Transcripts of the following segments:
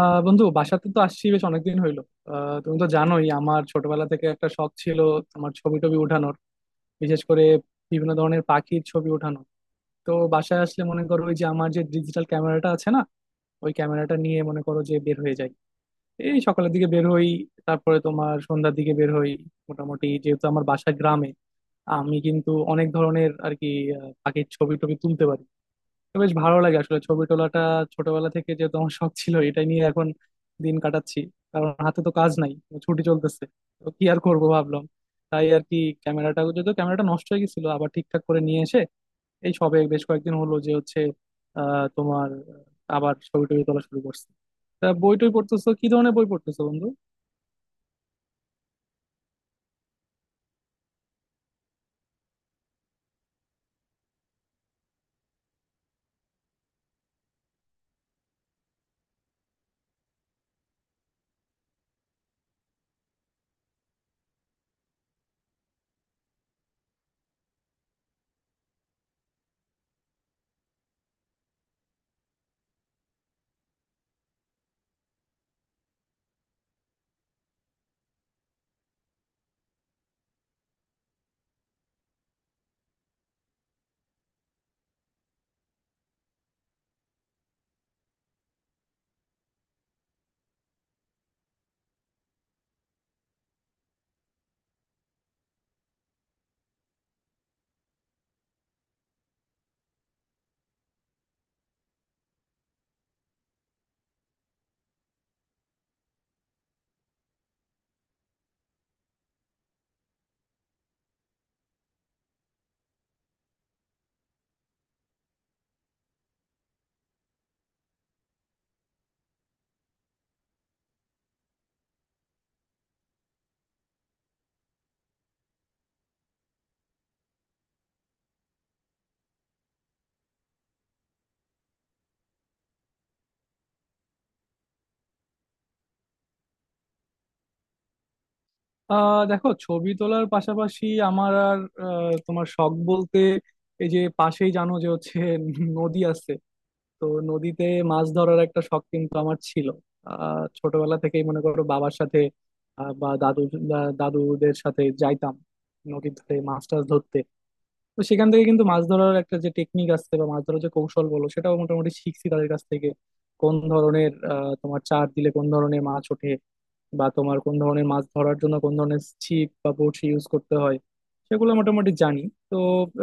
বন্ধু, বাসাতে তো আসছি বেশ অনেকদিন হইলো। তুমি তো জানোই আমার ছোটবেলা থেকে একটা শখ ছিল, আমার ছবি টবি উঠানোর, বিশেষ করে বিভিন্ন ধরনের পাখির ছবি ওঠানো। তো বাসায় আসলে মনে করো, ওই যে আমার যে ডিজিটাল ক্যামেরাটা আছে না, ওই ক্যামেরাটা নিয়ে মনে করো যে বের হয়ে যাই। এই সকালের দিকে বের হই, তারপরে তোমার সন্ধ্যার দিকে বের হই। মোটামুটি যেহেতু আমার বাসা গ্রামে, আমি কিন্তু অনেক ধরনের আর কি পাখির ছবি টবি তুলতে পারি। বেশ ভালো লাগে আসলে ছবি তোলাটা। ছোটবেলা থেকে যেহেতু আমার শখ ছিল এটা নিয়ে, এখন দিন কাটাচ্ছি। কারণ হাতে তো কাজ নাই, তো ছুটি চলতেছে। তো কি আর করবো ভাবলাম, তাই আর কি। ক্যামেরাটা, যদিও ক্যামেরাটা নষ্ট হয়ে গেছিল, আবার ঠিকঠাক করে নিয়ে এসে এই সবে বেশ কয়েকদিন হলো যে হচ্ছে আহ তোমার আবার ছবি টবি তোলা শুরু করছি। তা বই টই পড়তেছো, কি ধরনের বই পড়তেছো বন্ধু? দেখো, ছবি তোলার পাশাপাশি আমার আর তোমার শখ বলতে, এই যে পাশেই জানো যে হচ্ছে নদী আছে। তো নদীতে মাছ ধরার একটা শখ কিন্তু আমার ছিল। ছোটবেলা থেকেই মনে করো বাবার সাথে, বা দাদু দাদুদের সাথে যাইতাম নদীর ধারে মাছ টাছ ধরতে। তো সেখান থেকে কিন্তু মাছ ধরার একটা যে টেকনিক আছে বা মাছ ধরার যে কৌশল বলো, সেটাও মোটামুটি শিখছি তাদের কাছ থেকে। কোন ধরনের তোমার চার দিলে কোন ধরনের মাছ ওঠে, বা তোমার কোন ধরনের মাছ ধরার জন্য কোন ধরনের ছিপ বা বড়শি ইউজ করতে হয়, সেগুলো মোটামুটি জানি। তো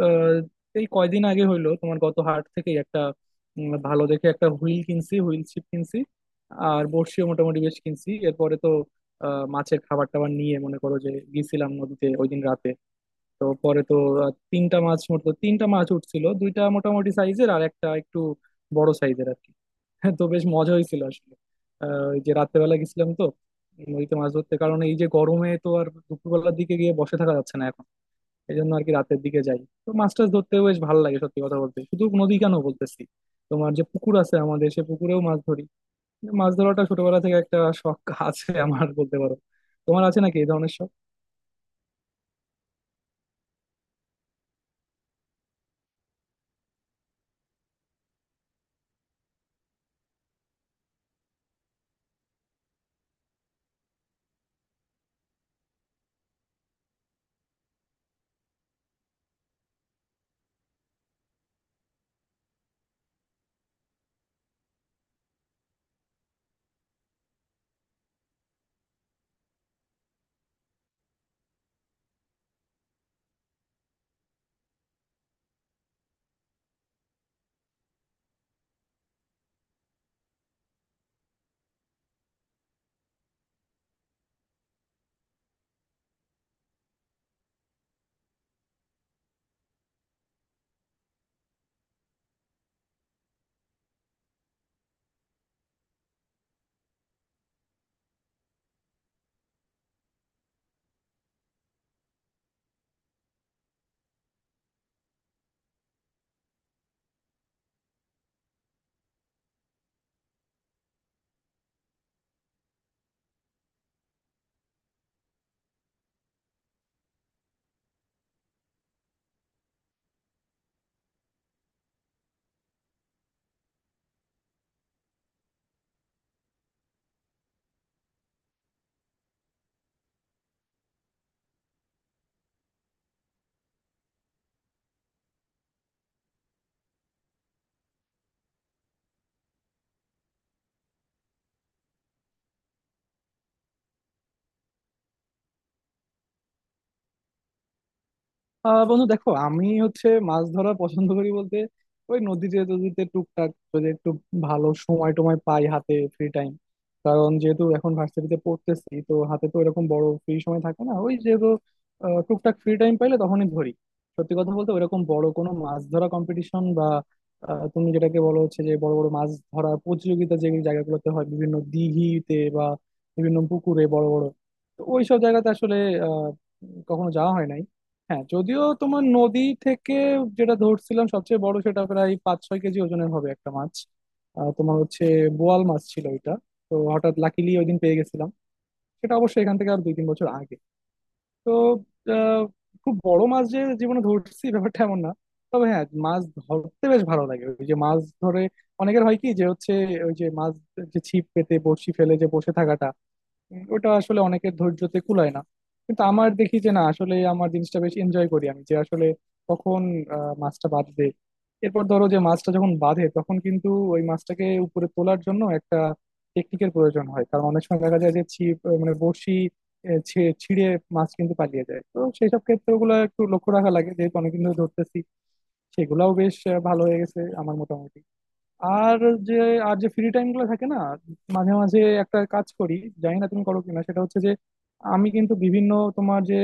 এই কয়দিন আগে হইলো তোমার গত হাট থেকে একটা ভালো দেখে একটা হুইল কিনছি, হুইল ছিপ কিনছি। আর বড়শিও মোটামুটি বেশ কিনছি। এরপরে তো মাছের খাবার টাবার নিয়ে মনে করো যে গেছিলাম নদীতে ওই দিন রাতে। তো পরে তো তিনটা মাছ উঠছিল, দুইটা মোটামুটি সাইজের আর একটা একটু বড় সাইজের আর কি। হ্যাঁ, তো বেশ মজা হয়েছিল আসলে। ওই যে রাত্রেবেলা গেছিলাম তো নদীতে মাছ ধরতে, কারণ এই যে গরমে তো আর দুপুরবেলার দিকে গিয়ে বসে থাকা যাচ্ছে না এখন। এই জন্য আর কি রাতের দিকে যাই, তো মাছ টাছ ধরতেও বেশ ভালো লাগে। সত্যি কথা বলতে শুধু নদী কেন বলতেছি, তোমার যে পুকুর আছে আমাদের, সে পুকুরেও মাছ ধরি। মাছ ধরাটা ছোটবেলা থেকে একটা শখ আছে আমার, বলতে পারো। তোমার আছে নাকি এই ধরনের শখ? বন্ধু, দেখো আমি হচ্ছে মাছ ধরা পছন্দ করি বলতে ওই নদীতে টদীতে টুকটাক, যদি একটু ভালো সময় টময় পাই হাতে ফ্রি টাইম। কারণ যেহেতু এখন ভার্সিটিতে পড়তেছি তো হাতে তো এরকম বড় ফ্রি সময় থাকে না। ওই যেহেতু টুকটাক ফ্রি টাইম পাইলে তখনই ধরি। সত্যি কথা বলতে ওইরকম বড় কোনো মাছ ধরা কম্পিটিশন, বা তুমি যেটাকে বলো হচ্ছে যে বড় বড় মাছ ধরা প্রতিযোগিতা, যে জায়গাগুলোতে হয় বিভিন্ন দিঘিতে বা বিভিন্ন পুকুরে বড় বড়, তো ওইসব জায়গাতে আসলে আহ, কখনো যাওয়া হয় নাই। হ্যাঁ, যদিও তোমার নদী থেকে যেটা ধরছিলাম সবচেয়ে বড়, সেটা প্রায় 5-6 কেজি ওজনের হবে একটা মাছ। তোমার হচ্ছে বোয়াল মাছ ছিল ওইটা। তো হঠাৎ লাকিলি ওই দিন পেয়ে গেছিলাম। সেটা অবশ্যই এখান থেকে আর 2-3 বছর আগে। তো আহ, খুব বড় মাছ যে জীবনে ধরছি ব্যাপারটা এমন না। তবে হ্যাঁ, মাছ ধরতে বেশ ভালো লাগে। ওই যে মাছ ধরে অনেকের হয় কি যে হচ্ছে ওই যে মাছ, যে ছিপ পেতে বড়শি ফেলে যে বসে থাকাটা, ওটা আসলে অনেকের ধৈর্যতে কুলায় না। কিন্তু আমার দেখি যে না, আসলে আমার জিনিসটা বেশ এনজয় করি আমি, যে আসলে কখন মাছটা বাঁধবে। এরপর ধরো যে মাছটা যখন বাঁধে তখন কিন্তু ওই মাছটাকে উপরে তোলার জন্য একটা টেকনিকের প্রয়োজন হয়, কারণ অনেক সময় দেখা যায় যে ছিপ মানে বড়শি ছিঁড়ে মাছ কিন্তু পালিয়ে যায়। তো সেই সব ক্ষেত্রে ওগুলো একটু লক্ষ্য রাখা লাগে, যেহেতু অনেকদিন ধরে ধরতেছি সেগুলাও বেশ ভালো হয়ে গেছে আমার মোটামুটি। আর যে ফ্রি টাইম গুলো থাকে না, মাঝে মাঝে একটা কাজ করি। জানি না তুমি করো কিনা, সেটা হচ্ছে যে আমি কিন্তু বিভিন্ন তোমার যে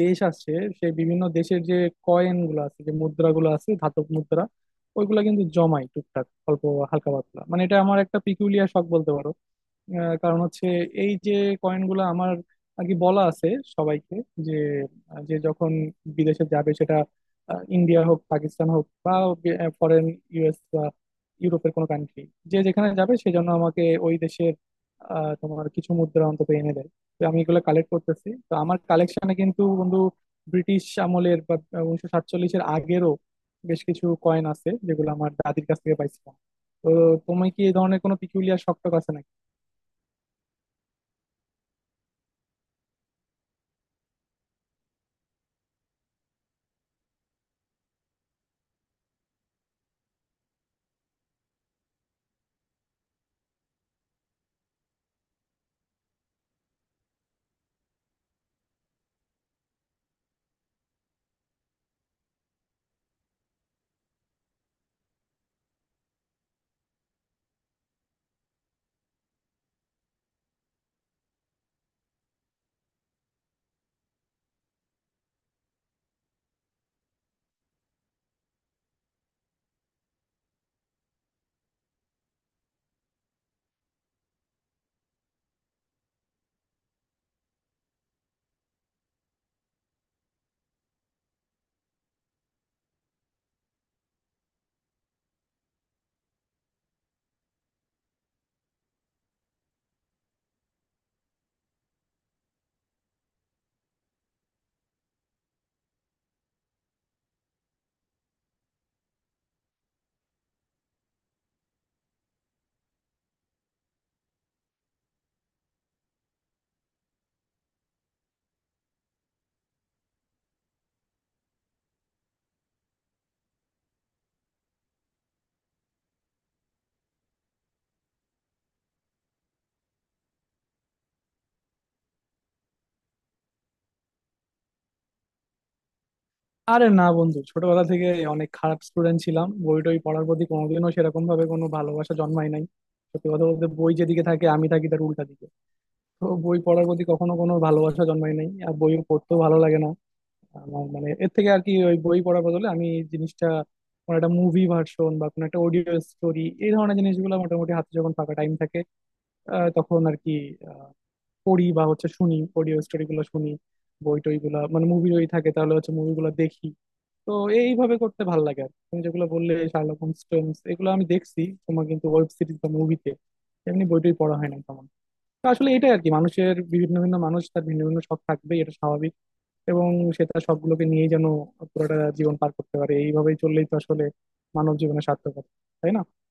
দেশ আছে সেই বিভিন্ন দেশের যে কয়েন গুলো আছে, যে মুদ্রা গুলো আছে ধাতব মুদ্রা, ওইগুলা কিন্তু জমাই টুকটাক, অল্প হালকা পাতলা। মানে এটা আমার একটা পিকুলিয়ার শখ বলতে পারো। কারণ হচ্ছে এই যে কয়েনগুলো আমার, আর কি বলা আছে সবাইকে যে যে যখন বিদেশে যাবে সেটা ইন্ডিয়া হোক পাকিস্তান হোক, বা ফরেন ইউএস বা ইউরোপের কোনো কান্ট্রি, যে যেখানে যাবে সেজন্য আমাকে ওই দেশের তোমার কিছু মুদ্রা অন্তত এনে দেয়। তো আমি এগুলো কালেক্ট করতেছি। তো আমার কালেকশনে কিন্তু বন্ধু ব্রিটিশ আমলের বা 1947-এর আগেরও বেশ কিছু কয়েন আছে, যেগুলো আমার দাদির কাছ থেকে পাইছিলাম। তো তুমি কি এই ধরনের কোনো পিকুলিয়ার শখ টখ আছে? আরে না বন্ধু, ছোটবেলা থেকে অনেক খারাপ স্টুডেন্ট ছিলাম, বই টই পড়ার প্রতি কোনোদিনও সেরকম ভাবে কোনো ভালোবাসা জন্মায় নাই। সত্যি কথা বলতে বই যেদিকে থাকে আমি থাকি তার উল্টা দিকে। তো বই পড়ার প্রতি কখনো কোনো ভালোবাসা জন্মায় নাই, আর বই পড়তেও ভালো লাগে না আমার। মানে এর থেকে আর কি, ওই বই পড়ার বদলে আমি এই জিনিসটা কোনো একটা মুভি ভার্সন বা কোনো একটা অডিও স্টোরি, এই ধরনের জিনিসগুলো মোটামুটি হাতে যখন ফাঁকা টাইম থাকে তখন আর কি আহ, পড়ি বা হচ্ছে শুনি, অডিও স্টোরি গুলো শুনি। বই টই গুলা মানে মুভি যদি থাকে তাহলে হচ্ছে মুভিগুলো দেখি। তো এইভাবে করতে ভালো লাগে আর কি। তুমি যেগুলো বললে শার্লক হোমস টোমস এগুলো আমি দেখছি তোমার কিন্তু ওয়েব সিরিজ বা মুভিতে, এমনি বইটই পড়া হয় না তেমন। তো আসলে এটাই আর কি, মানুষের বিভিন্ন ভিন্ন, মানুষ তার ভিন্ন ভিন্ন শখ থাকবেই, এটা স্বাভাবিক। এবং সে তার শখগুলোকে নিয়েই যেন পুরোটা জীবন পার করতে পারে, এইভাবেই চললেই তো আসলে মানব জীবনের সার্থকতা। তাই না?